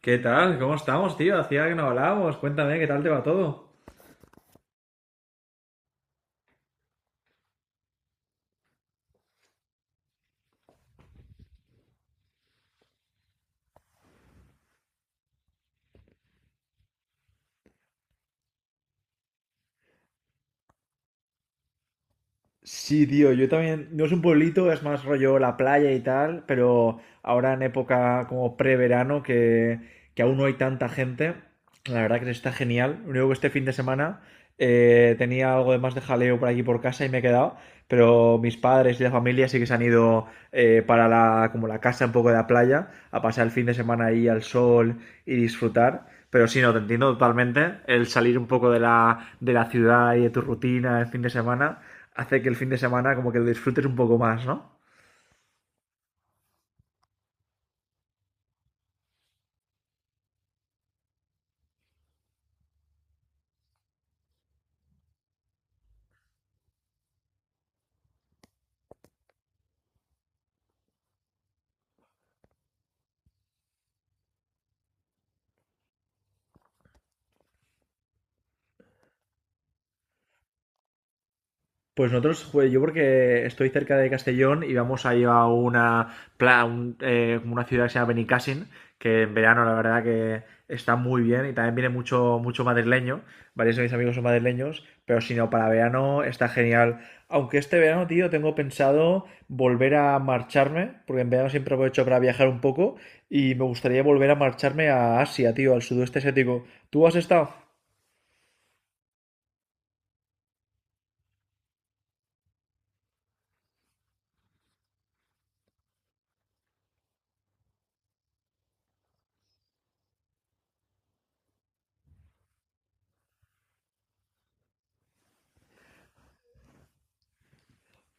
¿Qué tal? ¿Cómo estamos, tío? Hacía que no hablábamos. Cuéntame, ¿qué tal te va todo? Sí, tío, yo también, no es un pueblito, es más rollo la playa y tal, pero ahora en época como preverano que aún no hay tanta gente, la verdad que está genial. Lo único que este fin de semana tenía algo de más de jaleo por aquí por casa y me he quedado, pero mis padres y la familia sí que se han ido, como la casa un poco de la playa a pasar el fin de semana ahí al sol y disfrutar. Pero sí, no, te entiendo totalmente. El salir un poco de la ciudad y de tu rutina el fin de semana hace que el fin de semana como que lo disfrutes un poco más, ¿no? Pues nosotros, pues, yo porque estoy cerca de Castellón y vamos a ir a una, una ciudad que se llama Benicàssim, que en verano la verdad que está muy bien y también viene mucho, mucho madrileño, varios de mis amigos son madrileños, pero si no, para verano está genial. Aunque este verano, tío, tengo pensado volver a marcharme, porque en verano siempre aprovecho para viajar un poco y me gustaría volver a marcharme a Asia, tío, al sudeste asiático. ¿Tú has estado?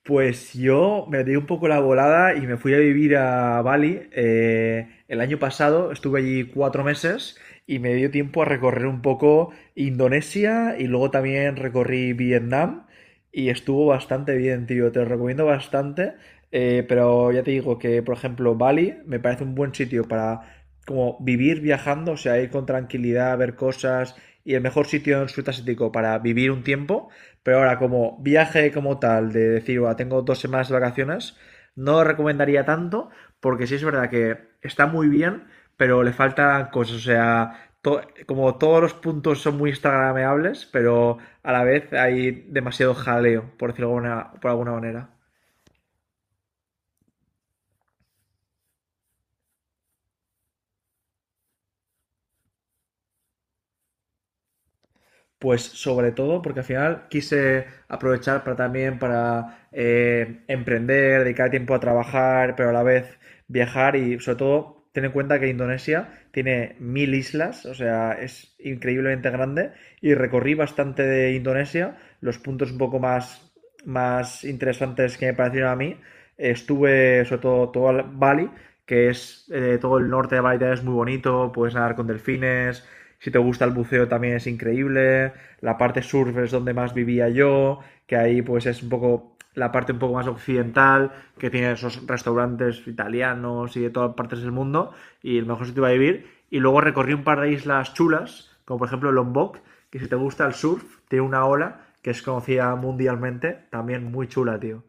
Pues yo me di un poco la volada y me fui a vivir a Bali. El año pasado estuve allí 4 meses y me dio tiempo a recorrer un poco Indonesia y luego también recorrí Vietnam y estuvo bastante bien, tío. Te lo recomiendo bastante. Pero ya te digo que, por ejemplo, Bali me parece un buen sitio para como vivir viajando, o sea, ir con tranquilidad, ver cosas y el mejor sitio en Sudeste Asiático para vivir un tiempo. Pero ahora, como viaje como tal, de decir, "Buah, tengo 2 semanas de vacaciones, no lo recomendaría tanto, porque sí es verdad que está muy bien, pero le faltan cosas. O sea, como todos los puntos son muy instagrameables, pero a la vez hay demasiado jaleo, por decirlo por alguna manera. Pues sobre todo porque al final quise aprovechar para también para emprender, dedicar tiempo a trabajar, pero a la vez viajar y sobre todo ten en cuenta que Indonesia tiene mil islas, o sea, es increíblemente grande y recorrí bastante de Indonesia, los puntos un poco más interesantes que me parecieron a mí. Estuve sobre todo el Bali, que es todo el norte de Bali es muy bonito, puedes nadar con delfines, si te gusta el buceo también es increíble. La parte surf es donde más vivía yo, que ahí pues es un poco la parte un poco más occidental, que tiene esos restaurantes italianos y de todas partes del mundo, y el mejor sitio para vivir. Y luego recorrí un par de islas chulas, como por ejemplo Lombok, que si te gusta el surf, tiene una ola que es conocida mundialmente, también muy chula, tío.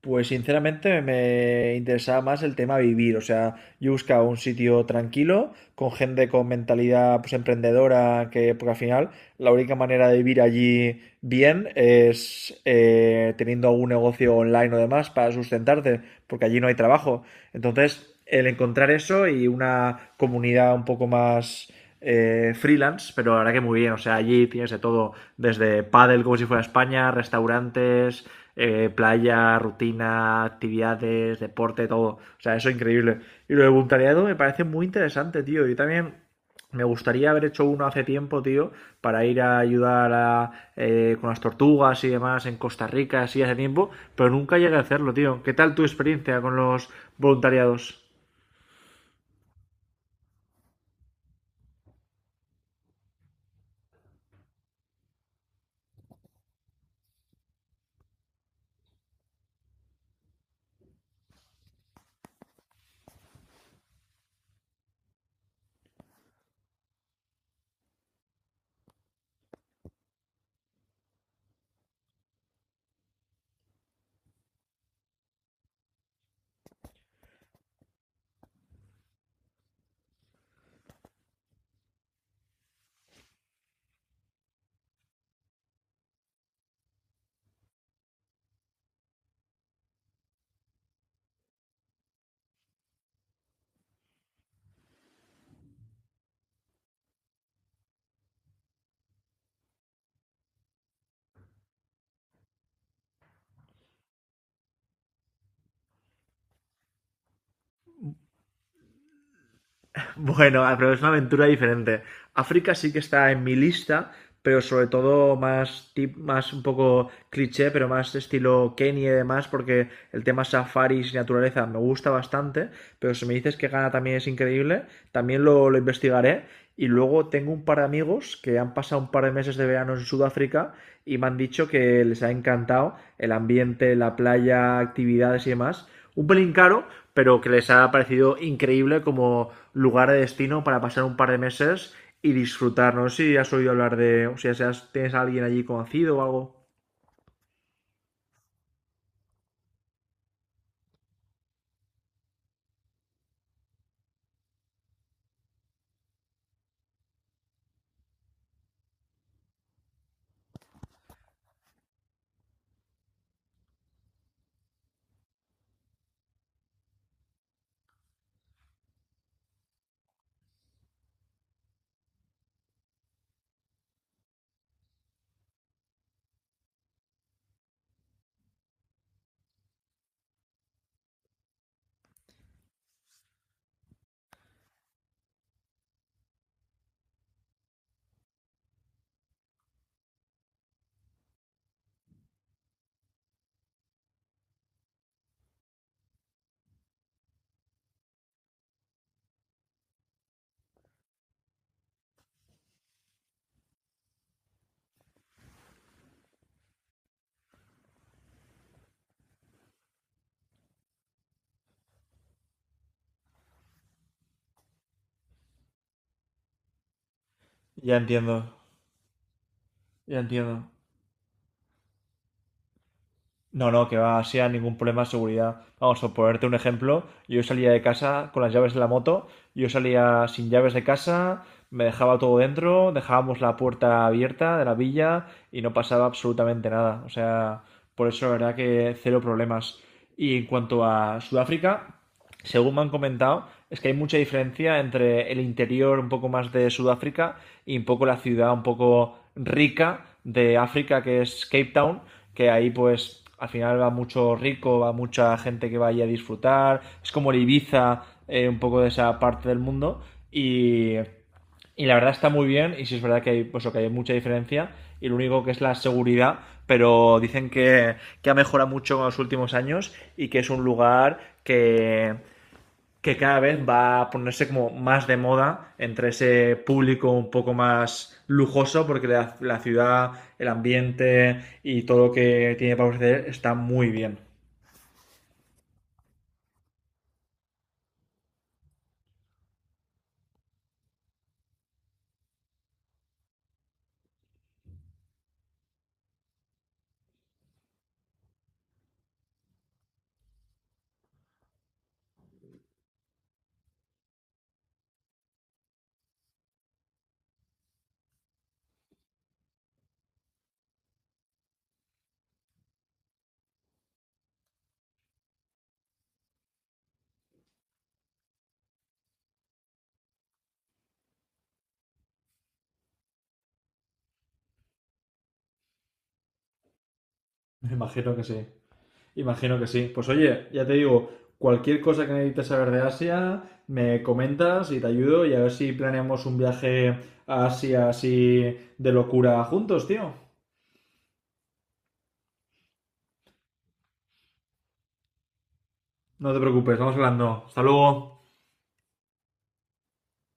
Pues sinceramente me interesaba más el tema vivir, o sea, yo buscaba un sitio tranquilo, con gente con mentalidad pues emprendedora, que porque al final la única manera de vivir allí bien es teniendo algún negocio online o demás para sustentarte, porque allí no hay trabajo. Entonces, el encontrar eso y una comunidad un poco más freelance, pero la verdad que muy bien. O sea, allí tienes de todo, desde pádel como si fuera España, restaurantes, playa, rutina, actividades, deporte, todo. O sea, eso es increíble. Y lo de voluntariado me parece muy interesante, tío. Yo también me gustaría haber hecho uno hace tiempo, tío, para ir a ayudar a, con las tortugas y demás en Costa Rica, así hace tiempo, pero nunca llegué a hacerlo, tío. ¿Qué tal tu experiencia con los voluntariados? Bueno, pero es una aventura diferente. África sí que está en mi lista, pero sobre todo más tip, más un poco cliché, pero más estilo Kenia y demás, porque el tema safaris y naturaleza me gusta bastante, pero si me dices que Ghana también es increíble, también lo investigaré. Y luego tengo un par de amigos que han pasado un par de meses de verano en Sudáfrica y me han dicho que les ha encantado el ambiente, la playa, actividades y demás. Un pelín caro, pero que les ha parecido increíble como lugar de destino para pasar un par de meses y disfrutar. No sé si has oído hablar de, o sea, si tienes a alguien allí conocido o algo. Ya entiendo, ya entiendo. No, no, que va, sea ningún problema de seguridad. Vamos, por ponerte un ejemplo, yo salía de casa con las llaves de la moto, yo salía sin llaves de casa, me dejaba todo dentro, dejábamos la puerta abierta de la villa y no pasaba absolutamente nada. O sea, por eso la verdad que cero problemas. Y en cuanto a Sudáfrica, según me han comentado, es que hay mucha diferencia entre el interior un poco más de Sudáfrica y un poco la ciudad un poco rica de África, que es Cape Town, que ahí pues al final va mucho rico, va mucha gente que va allí a disfrutar, es como el Ibiza, un poco de esa parte del mundo, y, y la verdad está muy bien, y sí es verdad que hay, pues, que hay mucha diferencia, y lo único que es la seguridad, pero dicen que ha mejorado mucho en los últimos años y que es un lugar que cada vez va a ponerse como más de moda entre ese público un poco más lujoso, porque la ciudad, el ambiente y todo lo que tiene para ofrecer está muy bien. Imagino que sí, imagino que sí. Pues oye, ya te digo, cualquier cosa que necesites saber de Asia, me comentas y te ayudo y a ver si planeamos un viaje a Asia así de locura juntos, tío. No te preocupes, vamos hablando. Hasta luego.